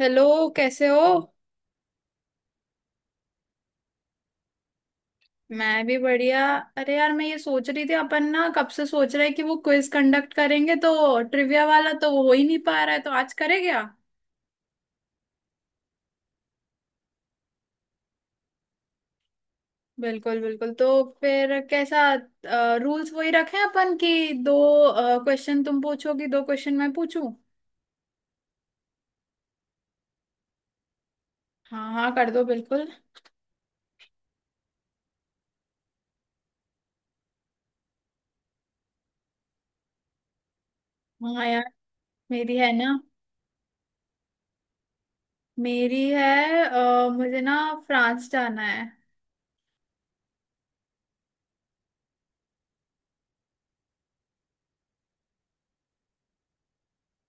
Hello. कैसे हो? मैं भी बढ़िया। अरे यार, मैं ये सोच रही थी, अपन ना कब से सोच रहे हैं कि वो क्विज कंडक्ट करेंगे, तो ट्रिविया वाला तो वो हो ही नहीं पा रहा है, तो आज करे क्या? बिल्कुल बिल्कुल। तो फिर कैसा? रूल्स वही रखें अपन कि दो क्वेश्चन तुम पूछोगी, दो क्वेश्चन मैं पूछूं। हाँ हाँ, कर दो, बिल्कुल। हाँ यार। मेरी है ना। मेरी है, मुझे ना फ्रांस जाना है।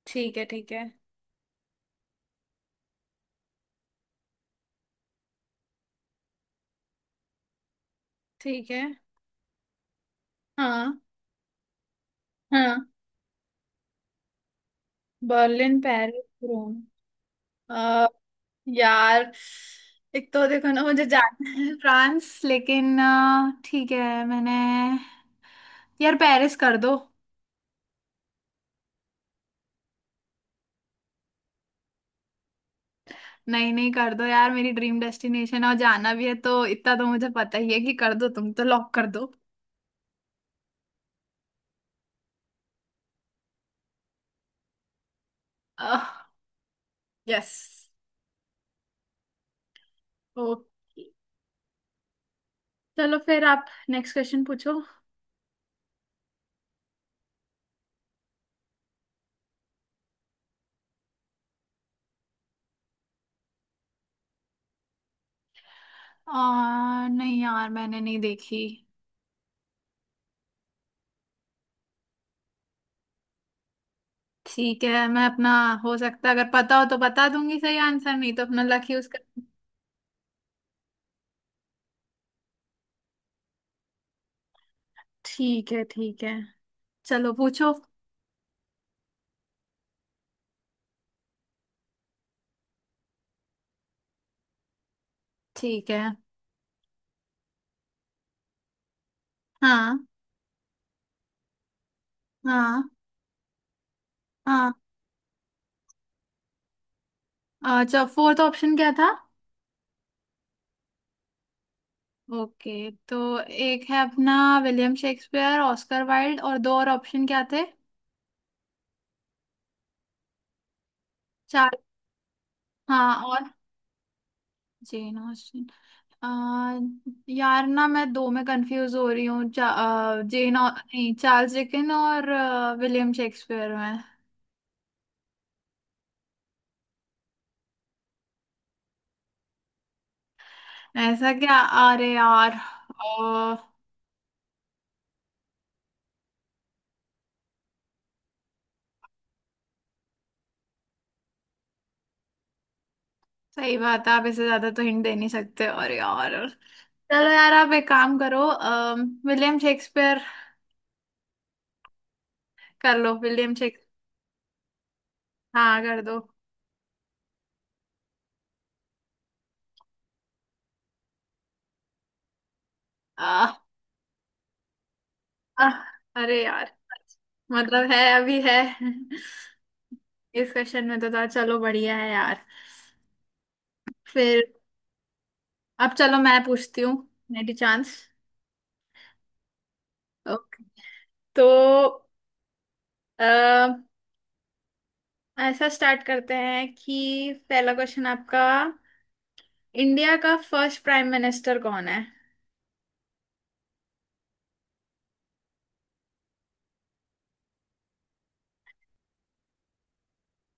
ठीक है, ठीक है। ठीक है। हाँ हाँ। Berlin, Paris, Rome. अ, यार, एक तो देखो ना, मुझे जाना है फ्रांस, लेकिन ठीक है, मैंने... यार पेरिस कर दो। नहीं नहीं, कर दो यार, मेरी ड्रीम डेस्टिनेशन है और जाना भी है, तो इतना तो मुझे पता ही है कि कर दो, तुम तो लॉक कर दो। यस। ओके। चलो फिर आप नेक्स्ट क्वेश्चन पूछो। नहीं यार, मैंने नहीं देखी। ठीक है, मैं अपना... हो सकता है अगर पता हो तो बता दूंगी सही आंसर, नहीं तो अपना लक यूज कर। ठीक है, ठीक है। चलो पूछो। ठीक है। हाँ। हाँ। हाँ। अच्छा, फोर्थ ऑप्शन क्या था? ओके, तो एक है अपना विलियम शेक्सपियर, ऑस्कर वाइल्ड, और दो और ऑप्शन क्या थे? चार? हाँ, और? Jane Austen. आ, यार ना, मैं दो में कंफ्यूज हो रही हूँ, चा, आ, जेन ऑ- नहीं, चार्ल्स डिकन और विलियम शेक्सपियर में। ऐसा क्या? अरे यार। सही बात है, आप इससे ज्यादा तो हिंट दे नहीं सकते, और यार... चलो यार, आप एक काम करो, विलियम शेक्सपियर कर लो। विलियम शेक्स... हाँ कर दो। आ, आ, अरे यार। मतलब है, अभी है। इस क्वेश्चन में तो था, चलो बढ़िया है यार। फिर... अब चलो, मैं पूछती हूँ। मेरी चांस। ओके। तो अ, ऐसा स्टार्ट करते हैं कि पहला क्वेश्चन आपका — इंडिया का फर्स्ट प्राइम मिनिस्टर कौन है?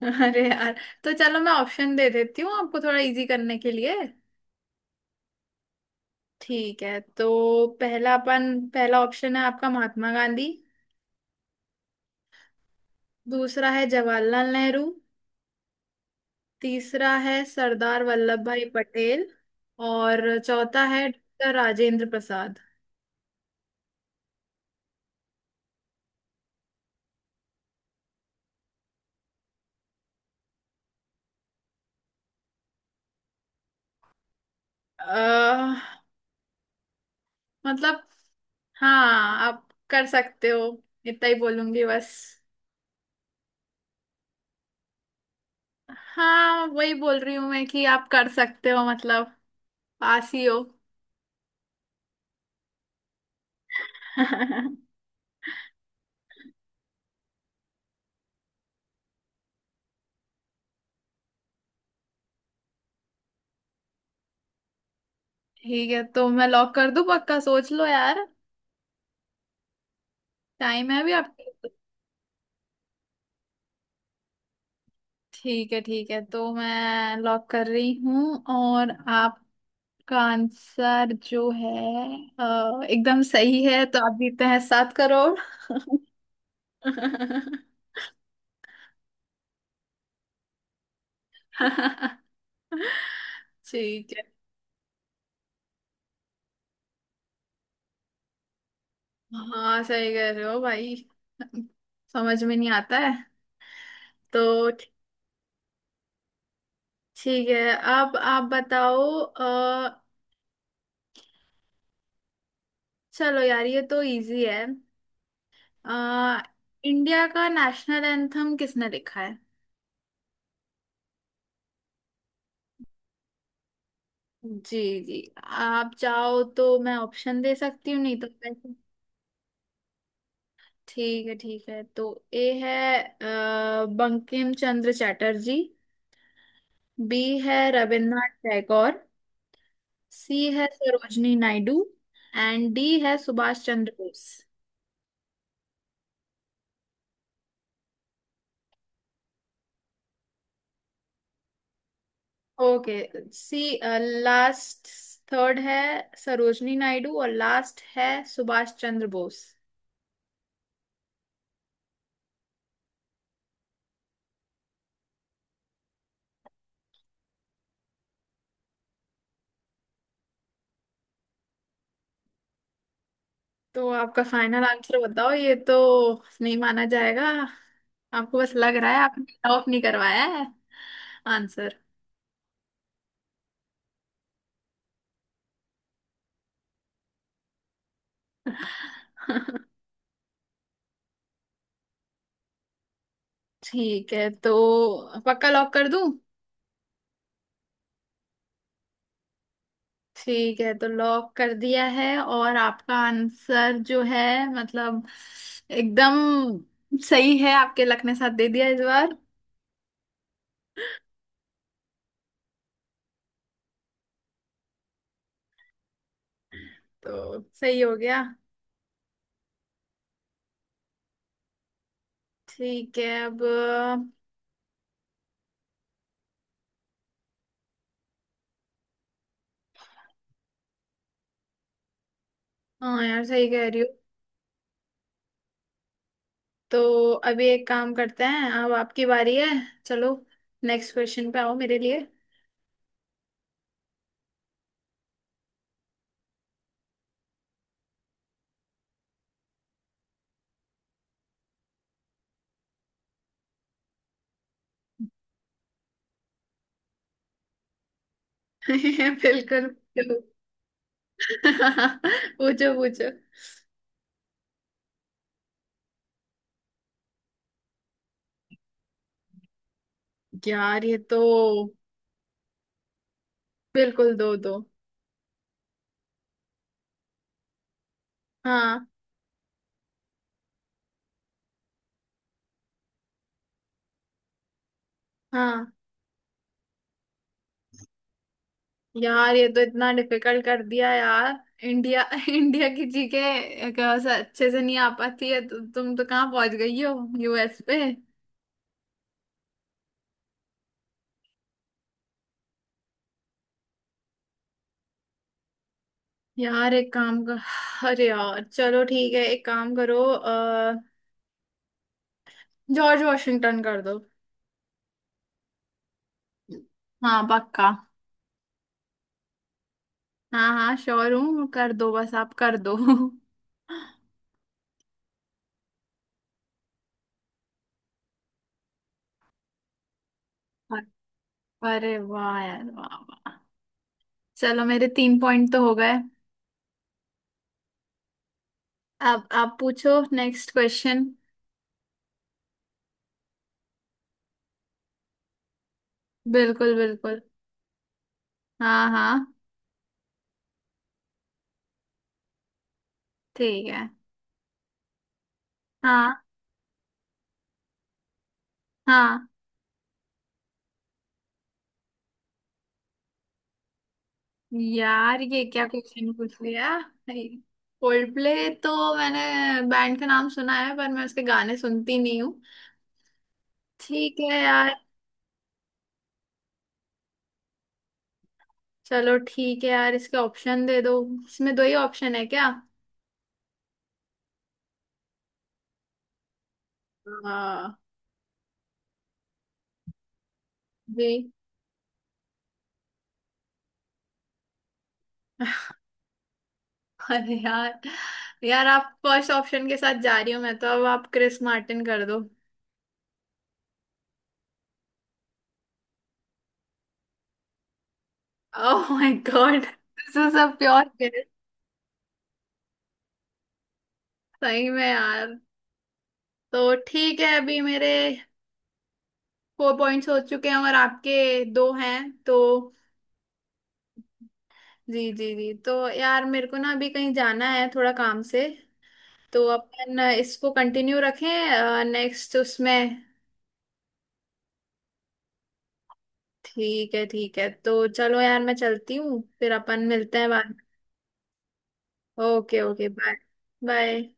अरे यार। तो चलो, मैं ऑप्शन दे देती हूँ आपको थोड़ा इजी करने के लिए। ठीक है, तो पहला अपन पहला ऑप्शन है आपका महात्मा गांधी, दूसरा है जवाहरलाल नेहरू, तीसरा है सरदार वल्लभ भाई पटेल, और चौथा है डॉक्टर राजेंद्र प्रसाद। अह। मतलब... हाँ, आप कर सकते हो, इतना ही बोलूंगी बस। हाँ, वही बोल रही हूँ मैं कि आप कर सकते हो, मतलब पास ही हो। ठीक है, तो मैं लॉक कर दूं? पक्का सोच लो यार, टाइम है अभी आपके। ठीक है, ठीक है, तो मैं लॉक कर रही हूँ, और आपका आंसर जो है, एकदम सही है, तो आप जीते हैं 7 करोड़। ठीक है। हाँ, सही कह रहे हो भाई। समझ में नहीं आता है तो। ठीक है, अब आप बताओ। चलो यार, ये तो इजी है। आ, इंडिया का नेशनल एंथम किसने लिखा है? जी। जी, आप चाहो तो मैं ऑप्शन दे सकती हूँ, नहीं तो वैसे... ठीक है, ठीक है, तो ए है बंकिम चंद्र चटर्जी, बी है रविन्द्रनाथ टैगोर, सी है सरोजनी नायडू, एंड डी है Subhash Chandra Bose. Okay. C... last... third है सरोजनी नायडू और लास्ट है सुभाष चंद्र बोस। तो आपका फाइनल आंसर बताओ, ये तो नहीं माना जाएगा। आपको बस लग रहा है, आपने टॉप नहीं करवाया है। आंसर? ठीक है, तो पक्का लॉक कर दूं? ठीक है, तो लॉक कर दिया है, और आपका आंसर जो है, मतलब एकदम सही है। आपके लक ने साथ दे दिया इस बार। तो सही हो गया। ठीक है, अब... हाँ यार, सही कह रही हो। तो अभी एक काम करते हैं, अब आपकी बारी है। चलो, नेक्स्ट क्वेश्चन पे आओ मेरे लिए। बिल्कुल। बिल्कुल। पूछो, पूछो। यार ये तो... बिल्कुल, दो दो। हाँ। हाँ। यार ये तो इतना डिफिकल्ट कर दिया यार। इंडिया इंडिया की जीके अच्छे से नहीं आ पाती है, तो तुम तो कहाँ पहुंच गई हो, यूएस पे। यार, एक काम कर। अरे यार, चलो ठीक है, एक काम करो, जॉर्ज वॉशिंगटन कर दो। हाँ, पक्का। हाँ हाँ, श्योर हूँ, कर दो बस, आप कर दो। अरे वाह यार, वाह वाह। चलो, मेरे 3 पॉइंट तो हो गए। अब आप पूछो नेक्स्ट क्वेश्चन। बिल्कुल बिल्कुल। हाँ हाँ। ठीक है। हाँ हाँ। यार, ये क्या क्वेश्चन पूछ लिया? Coldplay? तो मैंने बैंड का नाम सुना है, पर मैं उसके गाने सुनती नहीं हूँ। ठीक है यार। चलो ठीक है यार, इसके ऑप्शन दे दो। इसमें दो ही ऑप्शन है क्या? हाँ। जी। अरे यार। यार, आप फर्स्ट ऑप्शन के साथ जा रही हो, मैं तो... अब आप क्रिस मार्टिन कर दो। Oh my god, this is a pure guess. सही में यार। तो ठीक है, अभी मेरे 4 पॉइंट्स हो चुके हैं और आपके दो हैं, तो... जी जी जी, तो यार, मेरे को ना अभी कहीं जाना है थोड़ा काम से, तो अपन इसको कंटिन्यू रखें, नेक्स्ट उसमें। ठीक है, ठीक है, तो चलो यार, मैं चलती हूँ, फिर अपन मिलते हैं बाद। ओके। Okay, bye. बाय।